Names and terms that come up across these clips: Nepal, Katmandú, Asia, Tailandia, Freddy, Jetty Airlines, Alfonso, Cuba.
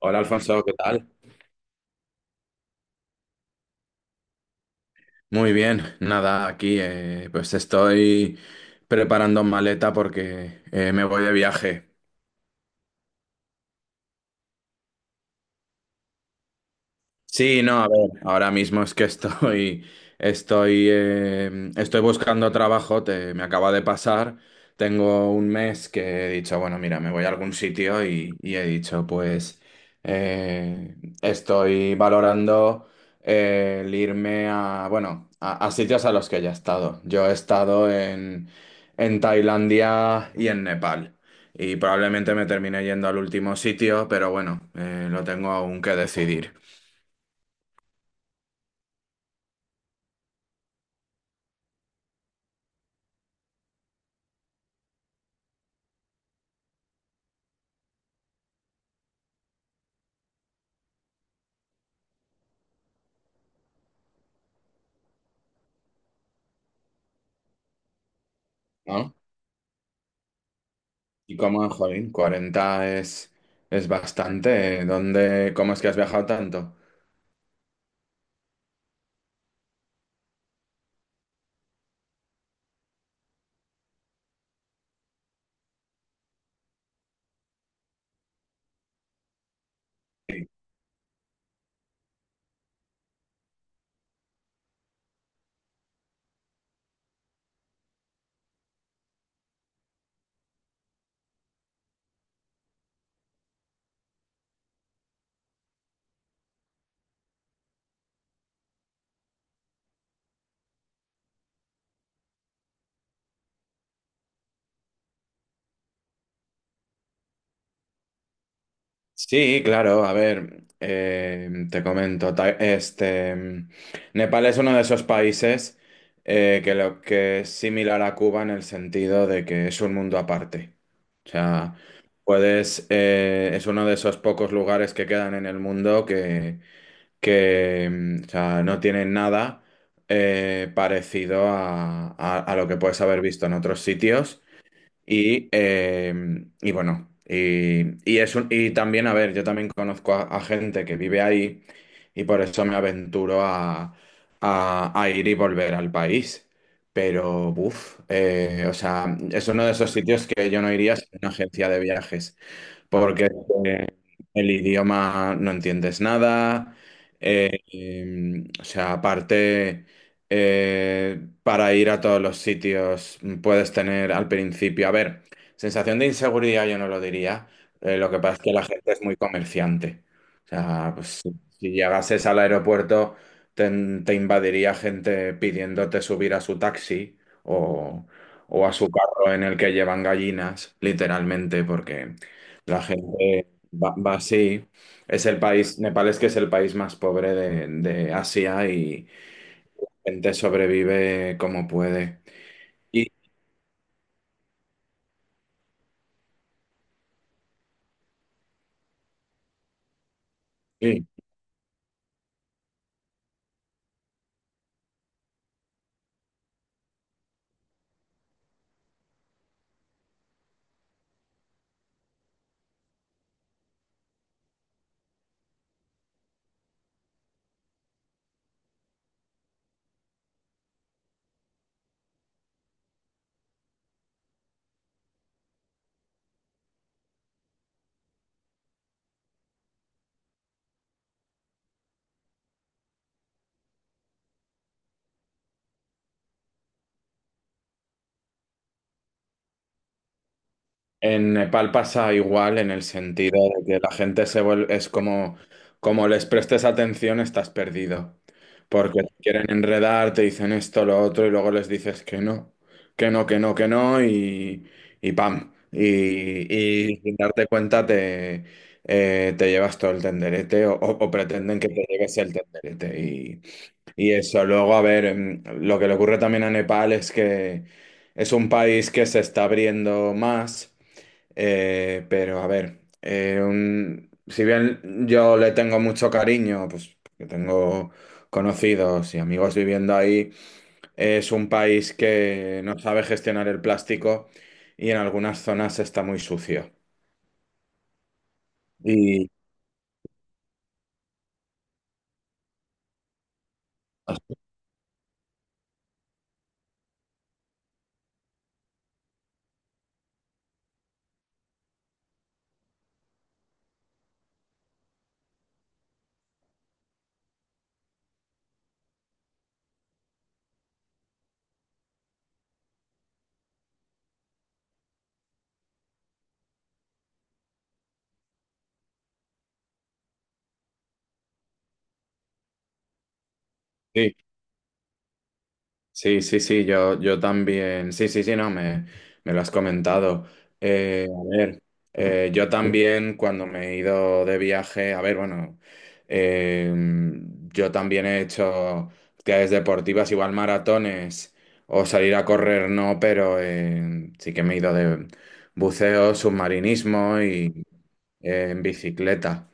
Hola Alfonso, ¿qué tal? Muy bien, nada, aquí pues estoy preparando maleta porque me voy de viaje. Sí, no, a ver, ahora mismo es que estoy buscando trabajo, me acaba de pasar, tengo un mes que he dicho, bueno, mira, me voy a algún sitio y he dicho, pues eh, estoy valorando el irme a, bueno, a sitios a los que ya he estado. Yo he estado en Tailandia y en Nepal. Y probablemente me termine yendo al último sitio, pero bueno, lo tengo aún que decidir. ¿No? Y cómo, jolín, 40 es bastante, ¿eh? ¿Dónde, cómo es que has viajado tanto? Sí, claro, a ver, te comento, este, Nepal es uno de esos países que lo que es similar a Cuba en el sentido de que es un mundo aparte. O sea, puedes, es uno de esos pocos lugares que quedan en el mundo que o sea, no tienen nada parecido a, a lo que puedes haber visto en otros sitios. Y, eh, y bueno, y, y es un... y también, a ver, yo también conozco a gente que vive ahí y por eso me aventuro a, a ir y volver al país. Pero, uff, o sea, es uno de esos sitios que yo no iría sin una agencia de viajes porque eh, el idioma no entiendes nada. O sea, aparte, para ir a todos los sitios puedes tener al principio, a ver, sensación de inseguridad yo no lo diría. Lo que pasa es que la gente es muy comerciante. O sea, pues si, si llegases al aeropuerto, te, te invadiría gente pidiéndote subir a su taxi o o a su carro en el que llevan gallinas, literalmente, porque la gente va, va así. Es el país, Nepal es que es el país más pobre de Asia y gente sobrevive como puede. Y, y en Nepal pasa igual en el sentido de que la gente se vuelve, es como, como les prestes atención, estás perdido. Porque te quieren enredar, te dicen esto, lo otro, y luego les dices que no, que no, que no, que no, y pam. Y sin darte cuenta te, te llevas todo el tenderete o, o pretenden que te lleves el tenderete. Y eso, luego, a ver, lo que le ocurre también a Nepal es que es un país que se está abriendo más. Pero a ver, si bien yo le tengo mucho cariño, pues que tengo conocidos y amigos viviendo ahí, es un país que no sabe gestionar el plástico y en algunas zonas está muy sucio. Y sí, sí, sí, sí, yo también. Sí, sí, sí, no, me lo has comentado. A ver, yo también cuando me he ido de viaje, a ver, bueno, eh, yo también he hecho actividades deportivas, igual maratones o salir a correr, no, pero sí que me he ido de buceo, submarinismo y en bicicleta.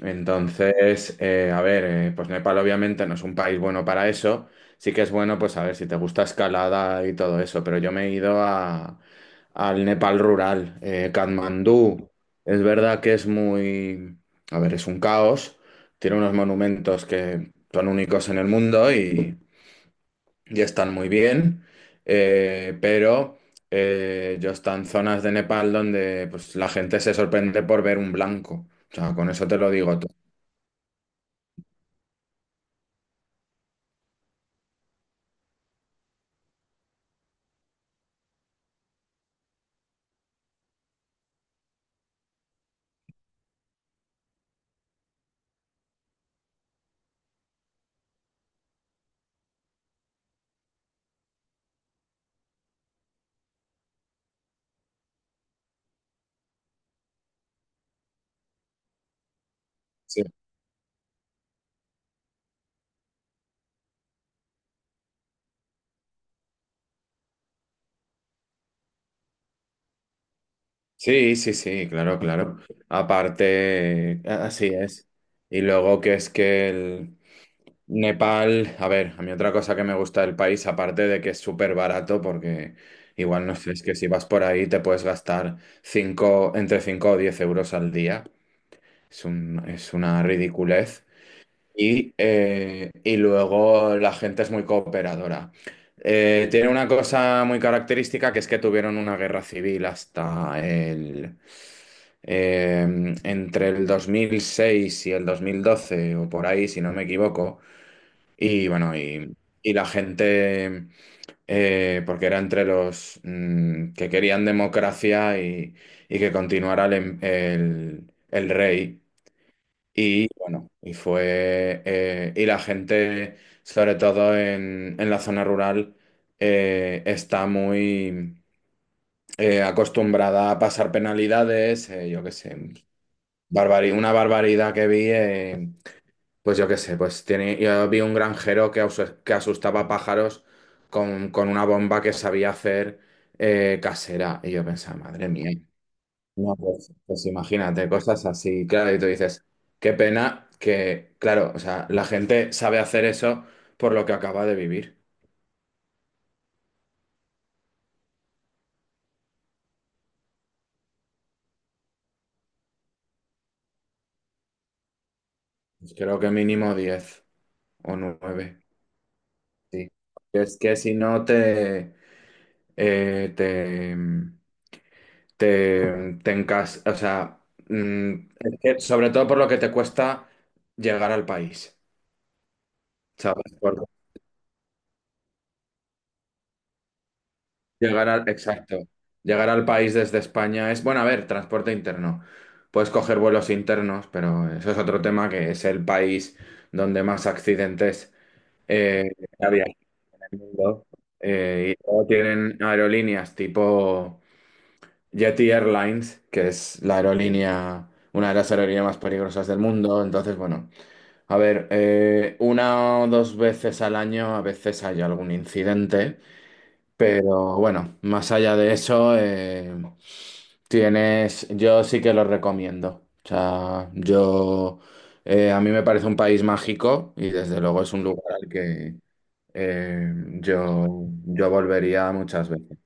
Entonces, a ver, pues Nepal obviamente no es un país bueno para eso. Sí que es bueno, pues a ver, si te gusta escalada y todo eso, pero yo me he ido a, al Nepal rural. Katmandú, es verdad que es muy, a ver, es un caos. Tiene unos monumentos que son únicos en el mundo y están muy bien. Eh, pero yo estoy en zonas de Nepal donde pues, la gente se sorprende por ver un blanco. O sea, con eso te lo digo todo. Sí. Sí, sí, sí, claro, claro. Aparte, así es. Y luego que es que el Nepal, a ver, a mí otra cosa que me gusta del país, aparte de que es súper barato, porque igual no sé, es que si vas por ahí te puedes gastar cinco, entre 5 o 10 euros al día. Es un, es una ridiculez. Y luego la gente es muy cooperadora. Tiene una cosa muy característica que es que tuvieron una guerra civil hasta el... entre el 2006 y el 2012 o por ahí, si no me equivoco. Y bueno, y, y la gente, porque era entre los que querían democracia y que continuara el, el rey. Y bueno, y fue. Y la gente, sobre todo en la zona rural, está muy acostumbrada a pasar penalidades, yo qué sé, una barbaridad que vi, pues yo qué sé, pues tiene, yo vi un granjero que, que asustaba pájaros con una bomba que sabía hacer casera. Y yo pensaba, madre mía. No, pues, pues imagínate, cosas así, claro, y tú dices, qué pena que, claro, o sea, la gente sabe hacer eso por lo que acaba de vivir. Pues creo que mínimo 10 o nueve, sí. Es que si no te, eh, te, te encas, o sea, mm, es que sobre todo por lo que te cuesta llegar al país, ¿sabes? Llegar al, exacto. Llegar al país desde España es, bueno, a ver, transporte interno. Puedes coger vuelos internos, pero eso es otro tema que es el país donde más accidentes eh, había en el mundo. Y luego tienen aerolíneas tipo Jetty Airlines, que es la aerolínea, una de las aerolíneas más peligrosas del mundo. Entonces, bueno, a ver, una o dos veces al año a veces hay algún incidente. Pero bueno, más allá de eso, tienes, yo sí que lo recomiendo. O sea, yo, a mí me parece un país mágico y desde luego es un lugar al que eh, yo, yo volvería muchas veces.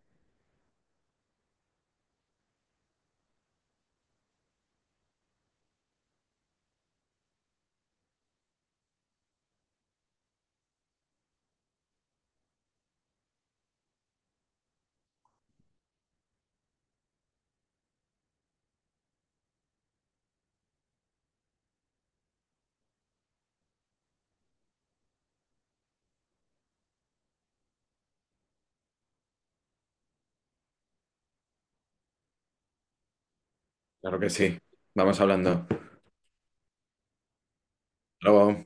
Claro que sí. Vamos hablando. Hasta luego.